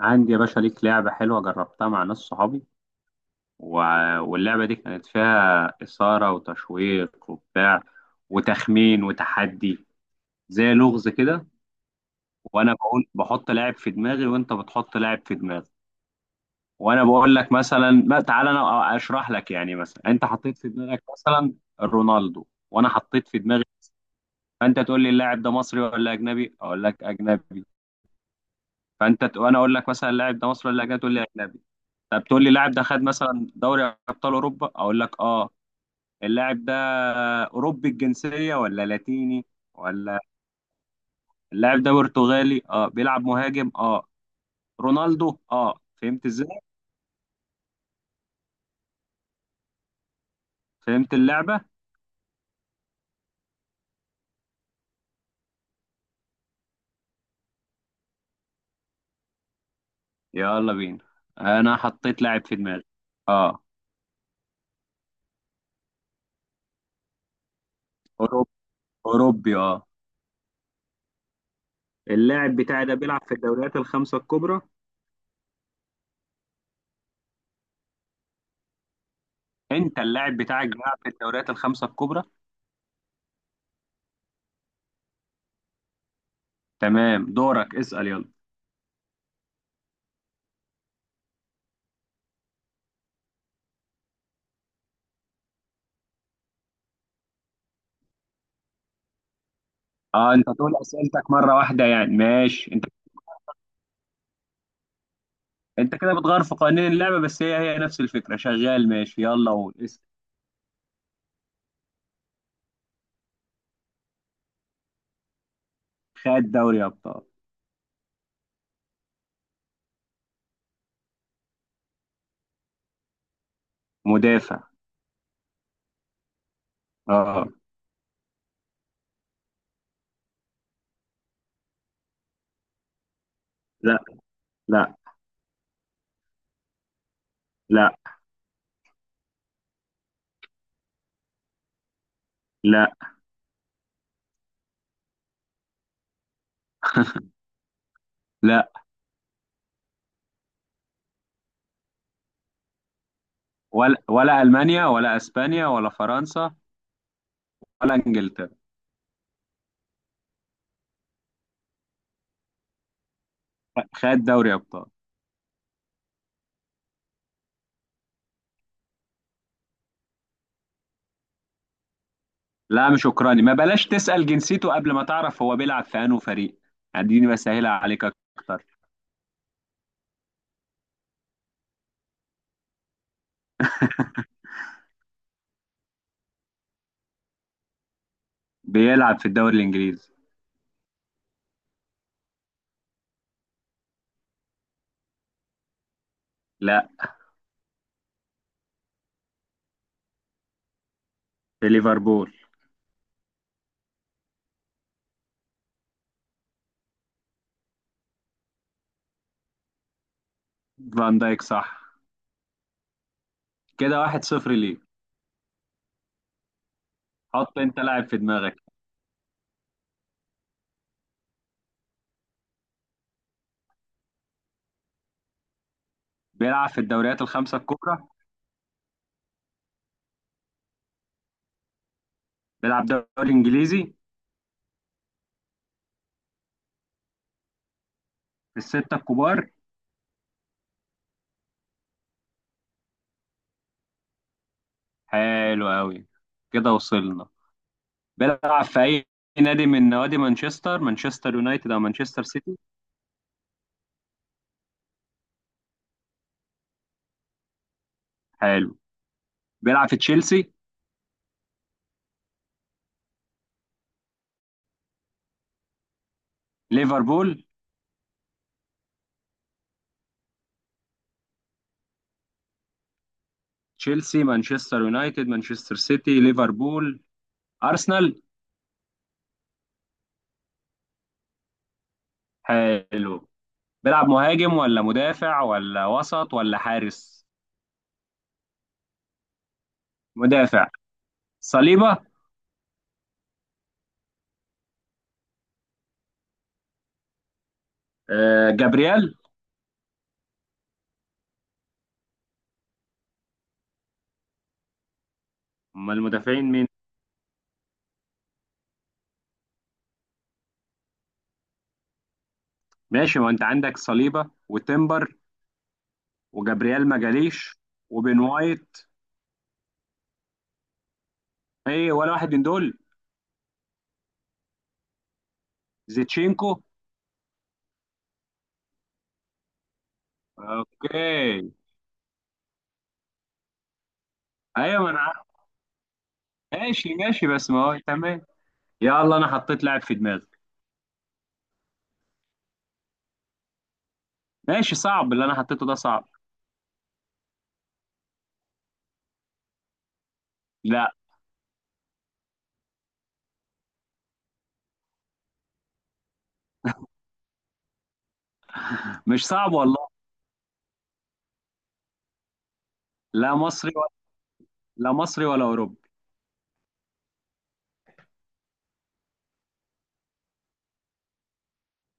عندي يا باشا ليك لعبة حلوة جربتها مع ناس صحابي و... واللعبة دي كانت فيها إثارة وتشويق وبتاع وتخمين وتحدي، زي لغز كده. وأنا بقول بحط لاعب في دماغي وأنت بتحط لاعب في دماغي. وأنا بقول لك مثلا، ما تعالى أنا أشرح لك، يعني مثلا أنت حطيت في دماغك مثلا رونالدو وأنا حطيت في دماغي. فأنت تقول لي اللاعب ده مصري ولا أجنبي؟ أقول لك أجنبي. وأنا أقول لك مثلا اللاعب ده مصري ولا أجنبي؟ تقول لي أجنبي. طب تقول لي اللاعب ده خد مثلا دوري ابطال اوروبا، اقول لك اه. اللاعب ده اوروبي الجنسيه ولا لاتيني ولا؟ اللاعب ده برتغالي، اه بيلعب مهاجم، اه رونالدو، اه. فهمت ازاي؟ فهمت اللعبه. يلا بينا. انا حطيت لاعب في دماغي، اه. اوروبي. اوروبي اه. اللاعب بتاعي ده بيلعب في الدوريات الخمسه الكبرى. انت اللاعب بتاعك بيلعب في الدوريات الخمسه الكبرى. تمام، دورك اسال يلا. اه، انت تقول اسئلتك مره واحده يعني، ماشي انت. انت كده بتغير في قوانين اللعبه، بس هي نفس الفكره شغال، ماشي يلا قول اسم. خد دوري ابطال. مدافع. اه. لا. لا. لا. لا. لا. ولا المانيا ولا اسبانيا ولا فرنسا ولا انجلترا. خد دوري ابطال. لا مش اوكراني، ما بلاش تسال جنسيته قبل ما تعرف هو بيلعب في انه فريق. اديني بسهلها عليك اكتر. بيلعب في الدوري الانجليزي. لا. في ليفربول. فان دايك صح. كده 1-0 ليه. حط انت لاعب في دماغك. بيلعب في الدوريات الخمسة الكبرى. بيلعب دوري إنجليزي. في الستة الكبار. حلو أوي. كده وصلنا. بيلعب في أي نادي من نوادي مانشستر؟ مانشستر يونايتد أو مانشستر سيتي. حلو. بيلعب في تشيلسي؟ ليفربول؟ تشيلسي، مانشستر يونايتد، مانشستر سيتي، ليفربول، أرسنال. حلو. بيلعب مهاجم ولا مدافع ولا وسط ولا حارس؟ مدافع. صليبة. آه، جابرييل. أمال المدافعين مين؟ ماشي، ما أنت عندك صليبة وتمبر، وجابريال ما جاليش، وبن وايت. ايه، ولا واحد من دول؟ زيتشينكو. اوكي. ايوه، ما انا عارف. ماشي ماشي، بس ما هو تمام. يلا، انا حطيت لاعب في دماغي. ماشي، صعب اللي انا حطيته ده صعب. لا. مش صعب والله. لا مصري ولا. لا مصري ولا اوروبي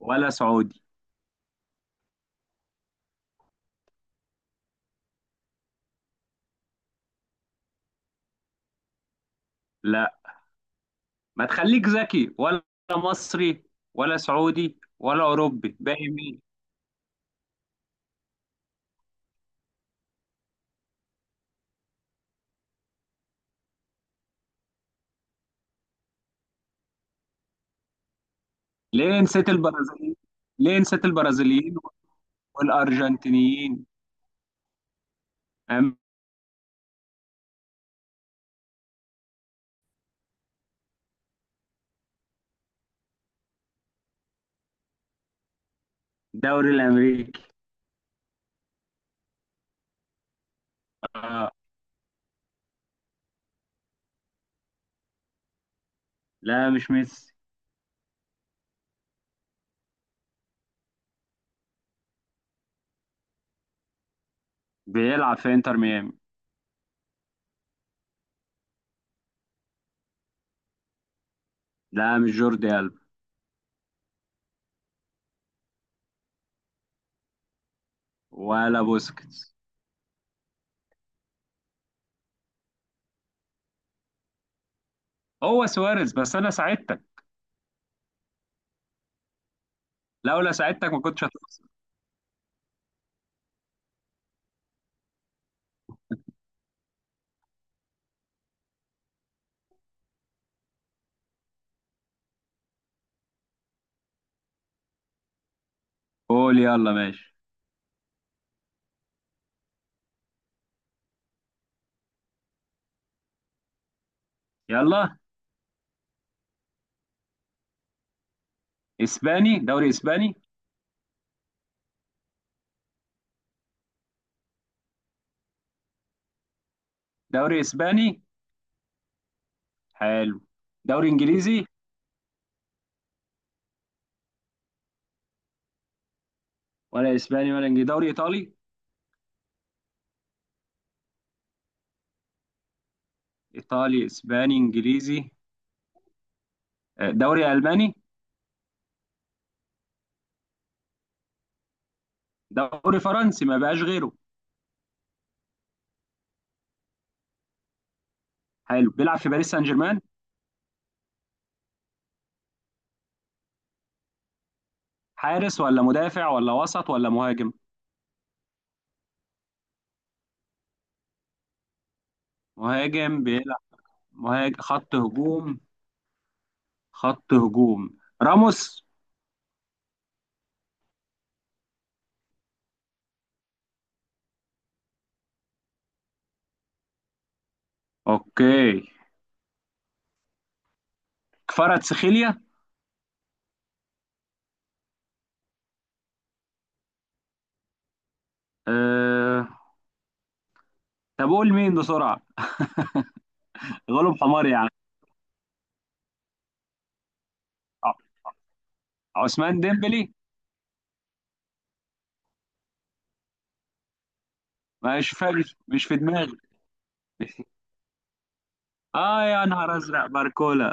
ولا سعودي. لا. ما تخليك ذكي ولا مصري ولا سعودي ولا اوروبي، باقي مين؟ ليه نسيت البرازيليين؟ ليه نسيت البرازيليين والارجنتينيين؟ أم- الدوري الامريكي. آه. لا مش ميسي. بيلعب في انتر ميامي. لا مش جوردي ألبا. ولا بوسكيتس. هو سواريز، بس انا ساعدتك. لولا ساعدتك ما كنتش هتخسر. قول يلا ماشي. يلا. اسباني، دوري اسباني. دوري اسباني. حلو. دوري انجليزي. ولا اسباني ولا انجليزي، دوري ايطالي. ايطالي، اسباني، انجليزي، آه، دوري الماني. دوري فرنسي، ما بقاش غيره. حلو، بيلعب في باريس سان جيرمان. حارس ولا مدافع ولا وسط ولا مهاجم؟ مهاجم بيلعب. مهاجم، خط هجوم. خط هجوم. راموس. اوكي. كفاراتسخيليا. أه... طب قول مين بسرعة. غلب حمار يعني. ع- عثمان ديمبلي. مش فاهم، مش في دماغي. اه يا نهار ازرق، باركولا.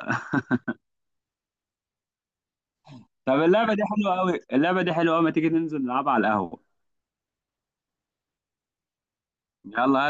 طب اللعبة دي حلوة قوي، اللعبة دي حلوة قوي، ما تيجي ننزل نلعبها على القهوة. يلا.